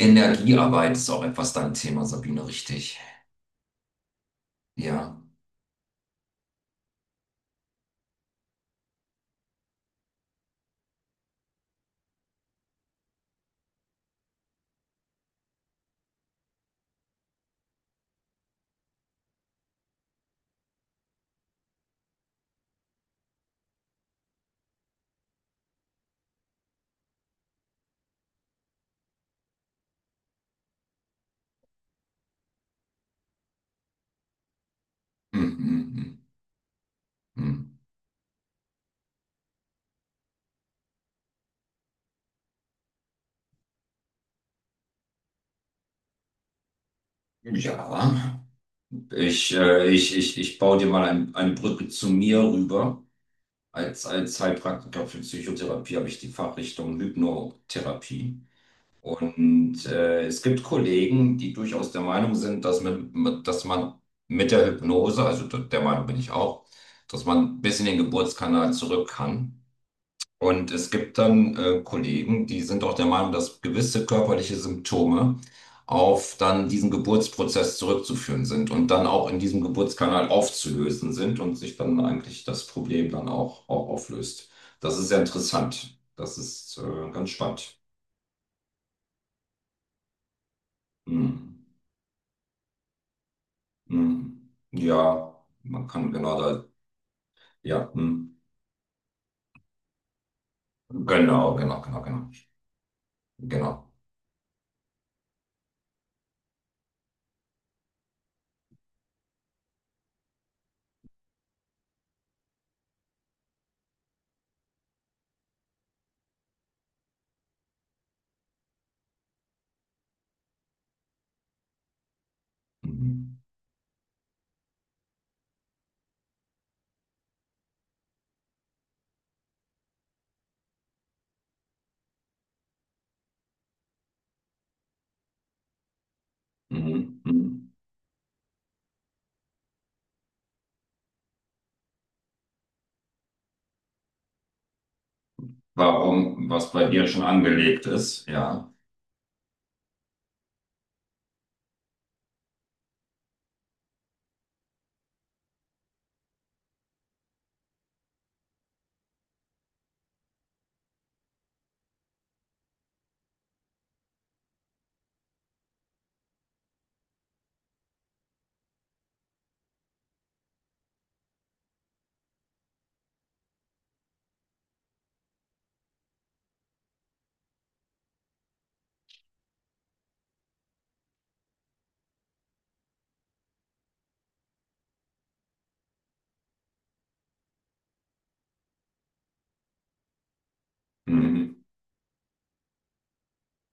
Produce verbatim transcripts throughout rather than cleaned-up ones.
Energiearbeit ist auch etwas dein Thema, Sabine, richtig? Ja. Hm, hm, hm, hm. Ja. Ich, äh, ich, ich, ich baue dir mal ein, eine Brücke zu mir rüber. Als, als Heilpraktiker für Psychotherapie habe ich die Fachrichtung Hypnotherapie. Und äh, es gibt Kollegen, die durchaus der Meinung sind, dass, mit, mit, dass man mit der Hypnose, also d- der Meinung bin ich auch, dass man bis in den Geburtskanal zurück kann. Und es gibt dann äh, Kollegen, die sind auch der Meinung, dass gewisse körperliche Symptome auf dann diesen Geburtsprozess zurückzuführen sind und dann auch in diesem Geburtskanal aufzulösen sind und sich dann eigentlich das Problem dann auch, auch auflöst. Das ist sehr interessant. Das ist äh, ganz spannend. Hm. Hm. Ja, man kann genau da, ja, hm. Genau, genau, genau, genau. Genau. Mhm. Mhm. Mhm. Warum, was bei dir schon angelegt ist, ja. Mhm.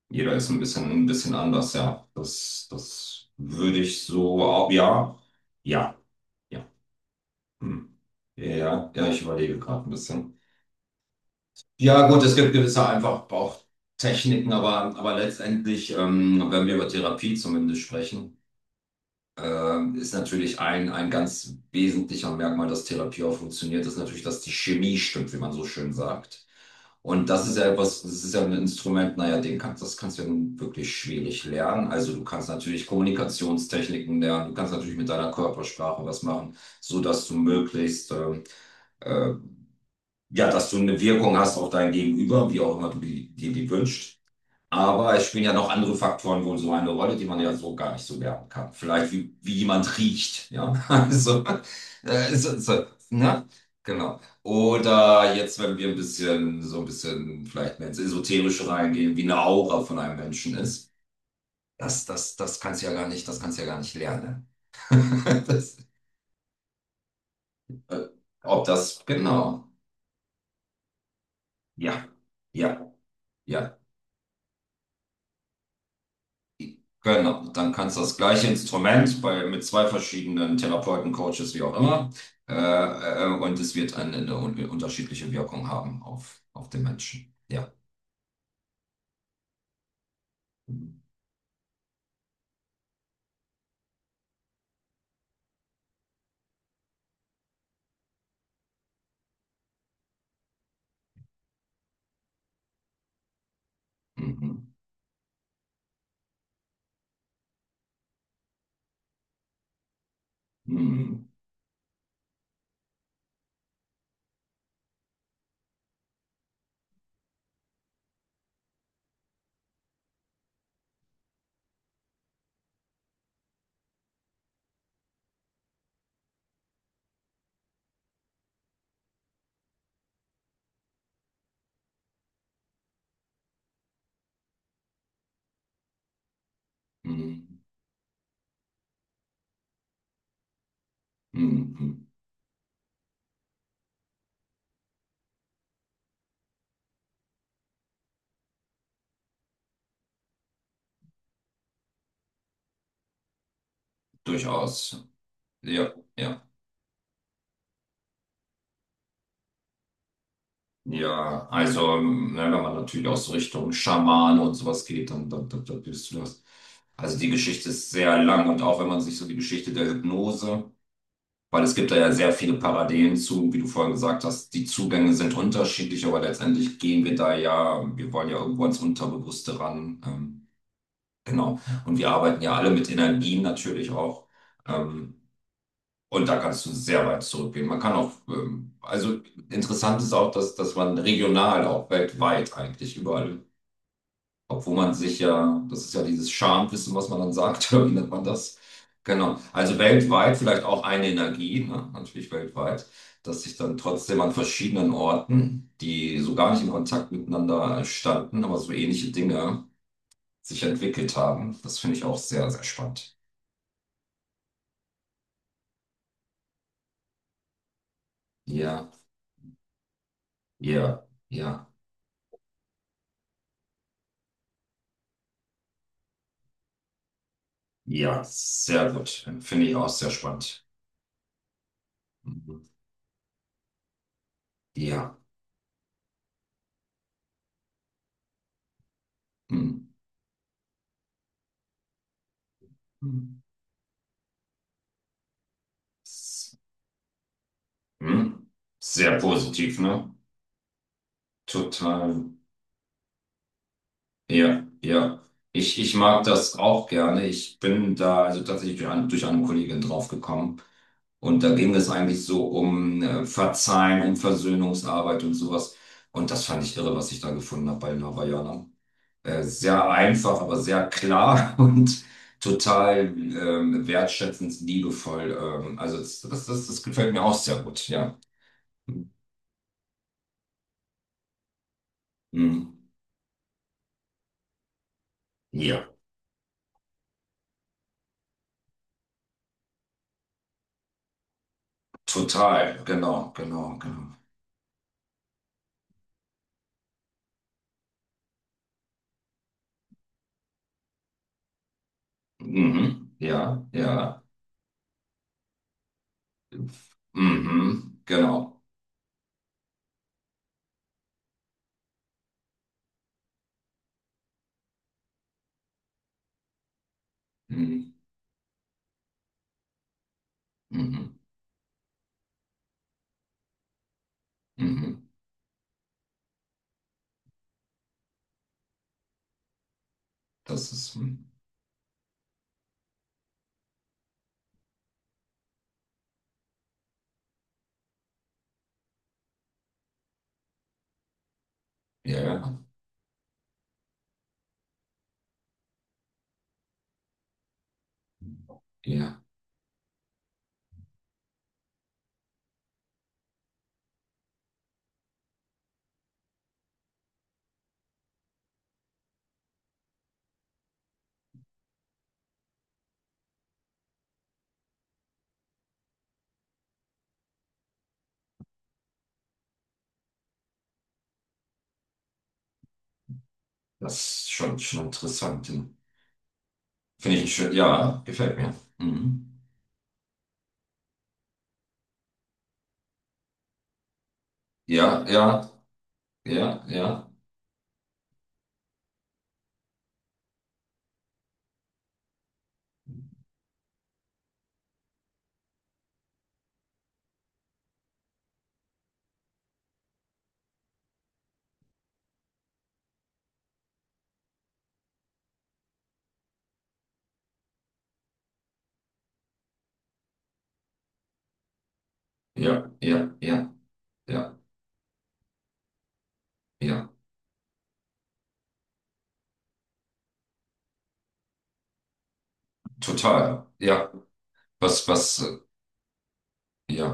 Jeder ist ein bisschen, ein bisschen anders, ja. Das, das würde ich so, auch, ja, ja, ja. Hm. Ja, ja, ja, ich überlege gerade ein bisschen. Ja, gut, es gibt gewisse einfach auch Techniken, aber, aber letztendlich, ähm, wenn wir über Therapie zumindest sprechen, ähm, ist natürlich ein, ein ganz wesentlicher Merkmal, dass Therapie auch funktioniert, ist natürlich, dass die Chemie stimmt, wie man so schön sagt. Und das ist ja etwas, das ist ja ein Instrument, naja, den kannst, das kannst du ja nun wirklich schwierig lernen. Also du kannst natürlich Kommunikationstechniken lernen, du kannst natürlich mit deiner Körpersprache was machen, so dass du möglichst, ähm, äh, ja, dass du eine Wirkung hast auf dein Gegenüber, wie auch immer du die- dir die wünscht. Aber es spielen ja noch andere Faktoren wohl so eine Rolle, die man ja so gar nicht so werten kann. Vielleicht wie, wie jemand riecht, ja. Also, äh, so, so, ne? Genau. Oder jetzt, wenn wir ein bisschen, so ein bisschen vielleicht mehr ins Esoterische reingehen, wie eine Aura von einem Menschen ist. Das, das, das kannst du ja gar nicht, das kannst du ja gar nicht lernen. Das, äh, ob das, genau. Ja, ja, ja. Genau, dann kannst du das gleiche Instrument bei, mit zwei verschiedenen Therapeuten, Coaches, wie auch immer, äh, äh, und es wird eine, eine un unterschiedliche Wirkung haben auf, auf den Menschen. Ja. Mhm. Mhm. Mhm. Mhm. Mhm. Durchaus. Ja, ja, ja. Also, ne, wenn man natürlich aus so Richtung Schamane und sowas geht, dann, dann, dann, dann bist du das. Also, die Geschichte ist sehr lang und auch wenn man sich so die Geschichte der Hypnose. Weil es gibt da ja sehr viele Parallelen zu, wie du vorhin gesagt hast. Die Zugänge sind unterschiedlich, aber letztendlich gehen wir da ja, wir wollen ja irgendwo ans Unterbewusste ran. Ähm, genau. Und wir arbeiten ja alle mit Energien natürlich auch. Ähm, und da kannst du sehr weit zurückgehen. Man kann auch, ähm, also interessant ist auch, dass, dass man regional auch weltweit eigentlich überall, obwohl man sich ja, das ist ja dieses Schamwissen, was man dann sagt, wie nennt man das? Genau. Also weltweit vielleicht auch eine Energie, ne? Natürlich weltweit, dass sich dann trotzdem an verschiedenen Orten, die so gar nicht in Kontakt miteinander standen, aber so ähnliche Dinge sich entwickelt haben. Das finde ich auch sehr, sehr spannend. Ja, ja, ja, ja, sehr gut. Finde ich auch sehr spannend. Mhm. Ja. Mhm. Mhm. Sehr positiv, ne? Total. Ja, ja. Ich, ich mag das auch gerne. Ich bin da also tatsächlich durch, ein, durch eine Kollegin draufgekommen. Und da ging es eigentlich so um äh, Verzeihen, um Versöhnungsarbeit und sowas. Und das fand ich irre, was ich da gefunden habe bei den Hawaiianern. Äh, sehr einfach, aber sehr klar und total ähm, wertschätzend, liebevoll. Ähm, also das, das, das, das gefällt mir auch sehr gut, ja. Mhm. Ja, total. Genau, genau, genau. Mhm. Ja, ja. Mhm, genau. Mhm, mhm, mhm. Das ist, hm, ja, ja, ja. Das ist schon, schon interessant. Ja. Finde ich schön, ja, gefällt mir. Mhm. Ja, ja, ja, ja, ja, ja, ja, ja, ja, total. Ja, was, was, äh, ja.